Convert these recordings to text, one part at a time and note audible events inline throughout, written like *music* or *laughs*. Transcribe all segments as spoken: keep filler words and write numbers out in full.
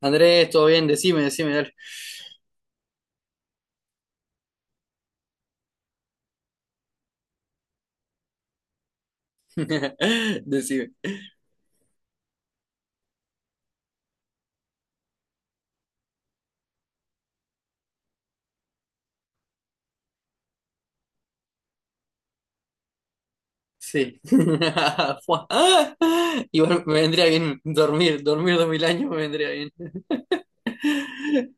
Andrés, todo bien, decime, decime, dale. *laughs* Decime. Sí. *laughs* Fua. Ah, igual me vendría bien dormir, dormir dos mil años me vendría bien. *laughs*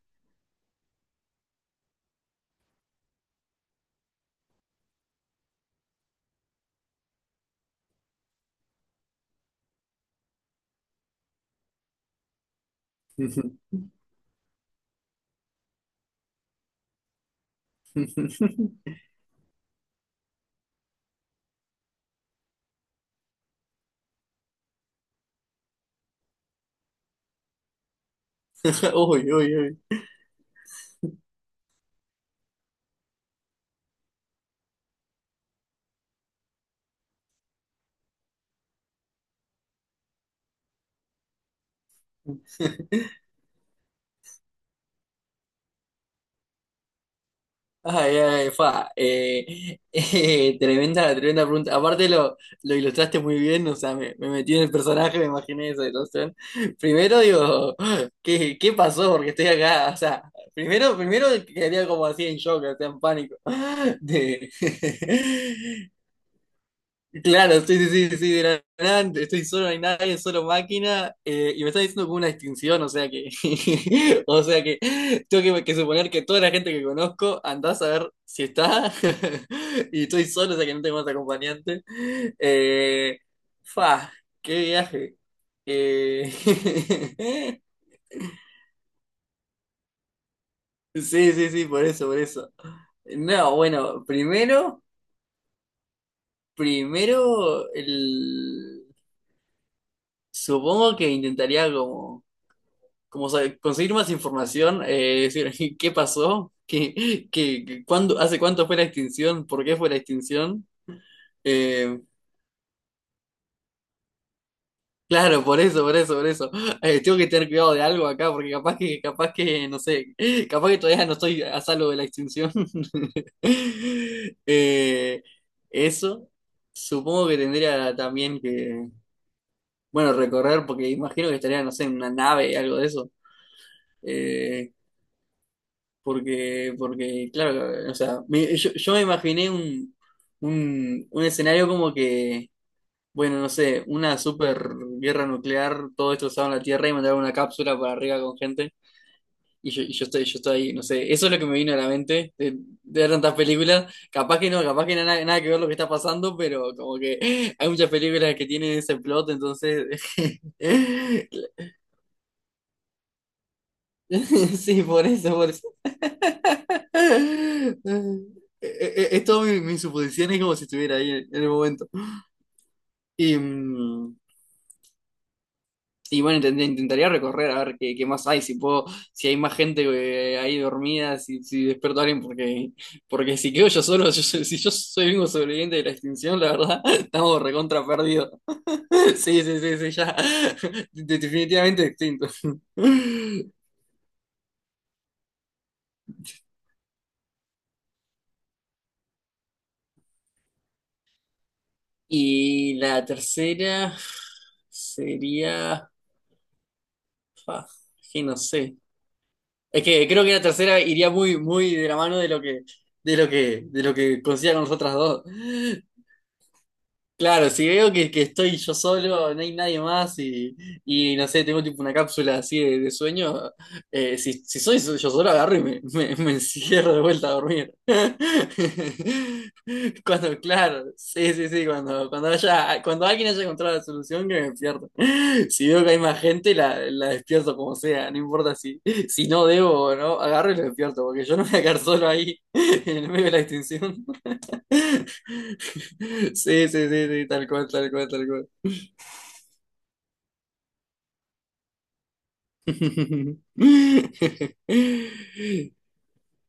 Uy, uy, uy. Ay, ay, fa. eh, *laughs* eh, tremenda, tremenda pregunta. Aparte lo, lo ilustraste muy bien, o sea, me, me metí en el personaje, me imaginé esa situación. Primero digo, *gasps* ¿qué, qué pasó? Porque estoy acá, o sea, primero, primero quedaría como así en shock, o sea, en pánico. De- *laughs* Claro, sí, sí, sí, sí, de la nada, estoy solo, no hay nadie, solo máquina, eh, y me está diciendo como una distinción, o sea que, *laughs* o sea que tengo que, que suponer que toda la gente que conozco andás a ver si está, *laughs* y estoy solo, o sea que no tengo más acompañante. Eh, Fa, qué viaje. Eh, *laughs* sí, sí, sí, por eso, por eso. No, bueno, primero, primero, el, supongo que intentaría como como sabe, conseguir más información, eh, decir *laughs* qué pasó, qué, qué, cuándo, hace cuánto fue la extinción, por qué fue la extinción. Eh, claro, por eso, por eso, por eso. Eh, tengo que tener cuidado de algo acá, porque capaz que, capaz que, no sé, capaz que todavía no estoy a salvo de la extinción. *laughs* Eh, Eso, supongo que tendría también que, bueno, recorrer, porque imagino que estaría, no sé, en una nave, algo de eso. Eh, Porque, porque, claro, o sea, me- yo, yo me imaginé un, un, un escenario como que, bueno, no sé, una super guerra nuclear, todo destrozado en la Tierra y mandar una cápsula para arriba con gente. Y yo, y yo estoy, yo estoy ahí, no sé, eso es lo que me vino a la mente de, de ver tantas películas. Capaz que no, capaz que no, nada, nada que ver lo que está pasando, pero como que *laughs* hay muchas películas que tienen ese plot, entonces. *laughs* Sí, por eso, por eso. *laughs* Eh, eh, Es todo mi, mis suposiciones como si estuviera ahí en, en el momento. Y, mm, y bueno, intent- intentaría recorrer a ver qué, qué más hay, si puedo, si hay más gente eh, ahí dormida, si, si despierto a alguien, porque, porque si quedo yo solo, *laughs* yo- yo- si yo soy el único sobreviviente de la extinción, la verdad, *laughs* estamos recontra perdidos. *laughs* Sí, sí, sí, sí, ya. *laughs* De- Definitivamente extinto. *laughs* Y la tercera sería, ah, que no sé. Es que creo que la tercera iría muy, muy de la mano de lo que, de lo que, de lo que consiga con las otras dos. Claro, si veo que, que estoy yo solo, no hay nadie más y, y no sé, tengo tipo una cápsula así de, de sueño, eh, si, si soy so-, yo solo agarro y me, me, me encierro de vuelta a dormir. *laughs* Cuando, claro, sí, sí, sí, cuando, cuando haya, cuando alguien haya encontrado la solución, que me despierto. Si veo que hay más gente, la, la despierto como sea, no importa si, si no debo o no, agarro y lo despierto, porque yo no me voy a quedar solo ahí *laughs* en el medio de la extinción. *laughs* Sí, sí, sí, sí, tal cual, tal cual, tal cual. *laughs*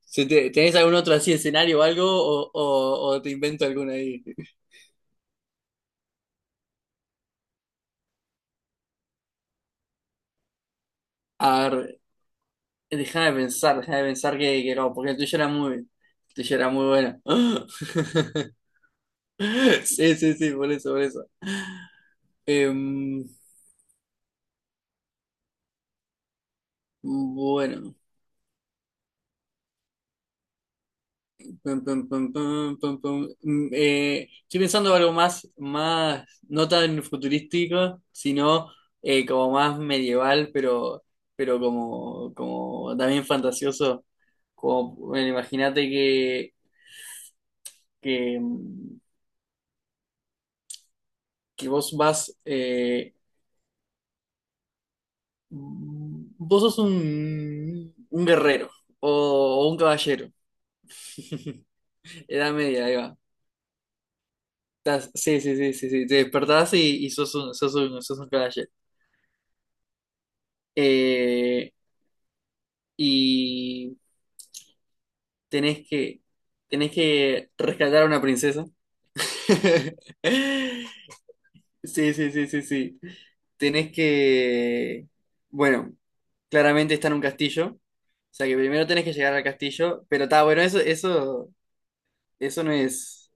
Si te- ¿Tenés algún otro así escenario o algo? O, o- o te invento alguna ahí. A ver, deja de pensar, deja de pensar que, que no, porque el tuyo era muy, el tuyo era muy bueno. *laughs* Sí, sí, sí, por eso, por eso. Em, bueno. Pum, pum, pum, pum, pum, pum. Mm, eh, estoy pensando en algo más, más, no tan futurístico, sino eh, como más medieval, pero, pero como, como también fantasioso. Como, bueno, imagínate que, que, mm, que vos vas, eh, vos sos un, un guerrero o, o un caballero. *laughs* Edad Media, ahí va. Estás- sí, sí, sí, sí, sí. Te despertás y, y sos un, sos un, sos un caballero. Eh, y tenés que, tenés que rescatar a una princesa. *laughs* Sí, sí, sí, sí, sí. Tenés que, bueno, claramente está en un castillo. O sea que primero tenés que llegar al castillo, pero está bueno, eso, eso, eso no es,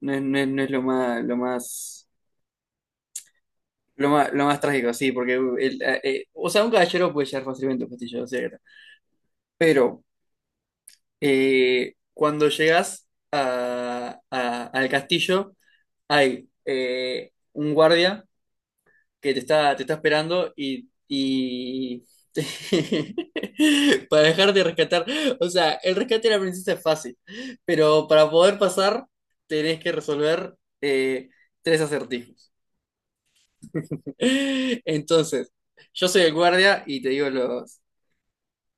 no es, no es, no es lo más, lo más, lo más, lo más trágico, sí, porque uh, el- eh, eh, o sea, un caballero puede llegar fácilmente a un castillo, o sea, que- está. Pero eh, cuando llegas a- a- al castillo, hay eh, un guardia que te está, te está esperando y, y- *laughs* para dejarte rescatar. O sea, el rescate de la princesa es fácil, pero para poder pasar tenés que resolver eh, tres acertijos. *laughs* Entonces, yo soy el guardia y te digo los,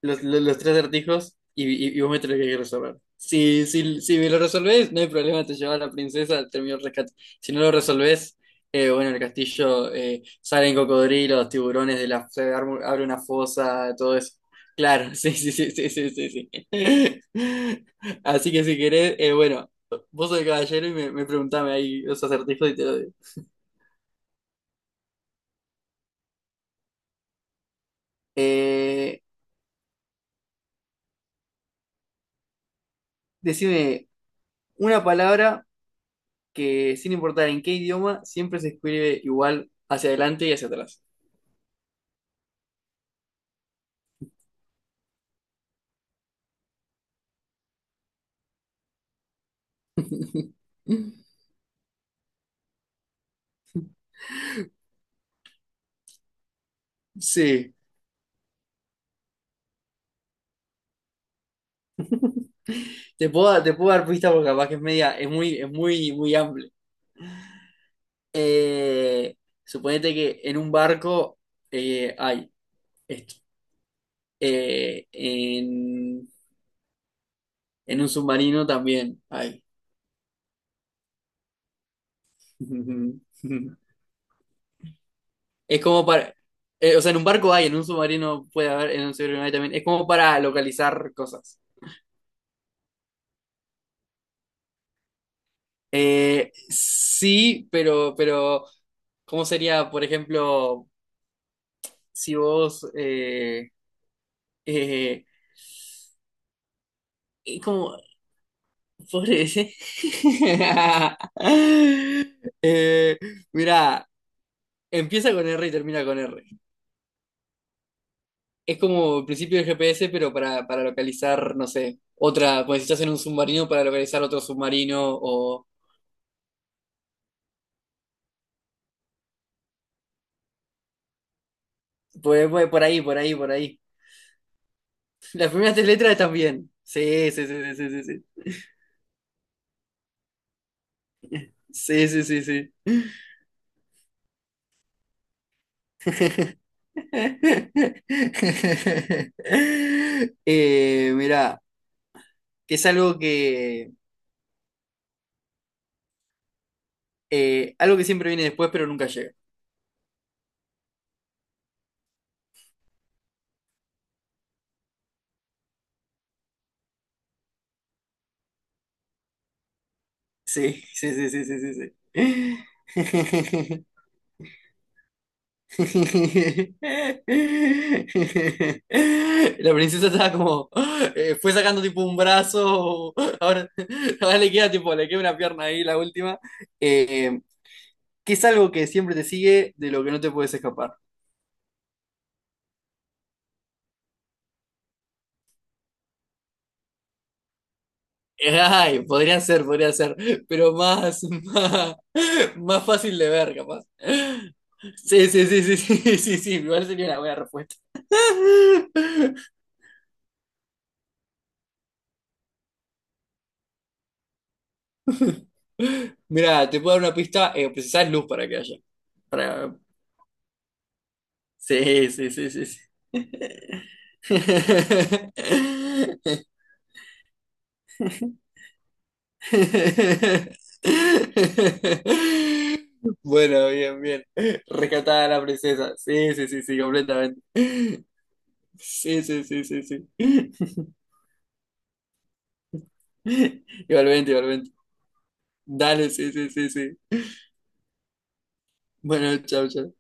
los, los, los tres acertijos y, y, y vos me tenés que resolver. Si, si, si me lo resolvés, no hay problema, te llevas a la princesa, termino el rescate. Si no lo resolvés, eh, bueno, el castillo eh, salen cocodrilos, tiburones, de la, se arma- abre una fosa, todo eso. Claro, *laughs* sí, sí, sí, sí, sí, sí. Sí. *laughs* Así que si querés, eh, bueno, vos sos el caballero y me, me preguntame ahí los acertijos y te lo digo. Eh, Decime una palabra que sin importar en qué idioma, siempre se escribe igual hacia adelante y hacia atrás. *laughs* Sí, te puedo, te puedo dar pistas porque capaz que es media, es muy, es muy, muy amplio. Eh, Suponete que en un barco eh, hay esto. Eh, en, en un submarino también hay. *laughs* Es como para, eh, o sea, en un barco hay, en un submarino puede haber, en un submarino no hay también. Es como para localizar cosas. Eh, sí, pero, pero, ¿cómo sería, por ejemplo, si vos, eh, eh, eh, como, pobre ese? *laughs* Eh, Mira, empieza con R y termina con R. Es como el principio del G P S, pero para, para localizar, no sé, otra, cuando estás en un submarino, para localizar otro submarino, o por, por por ahí, por ahí, por ahí. Las primeras tres letras están bien. Sí, sí, sí, sí, sí, sí. Sí, sí, sí, sí, sí. *laughs* Eh, mirá, que es algo que eh, algo que siempre viene después, pero nunca llega. Sí, *laughs* sí, sí, sí, sí, sí, sí. *laughs* La princesa estaba como, eh, fue sacando tipo un brazo, *laughs* ahora, ahora le queda tipo, le queda una pierna ahí, la última, eh, que es algo que siempre te sigue, de lo que no te puedes escapar. Ay, podría ser, podría ser, pero más, más, más fácil de ver, capaz. Sí, sí, sí, sí, sí, *laughs* sí, sí, igual sería una buena respuesta. Mira, te puedo dar una pista, eh, precisás luz para que haya. Para. Sí, sí, sí, sí, sí. *laughs* Bueno, bien, bien. Rescatada la princesa. Sí, sí, sí, sí, completamente. Sí, sí, sí, sí, sí. *laughs* Igualmente, igualmente. Dale, sí, sí, sí, sí. Bueno, chao, chao.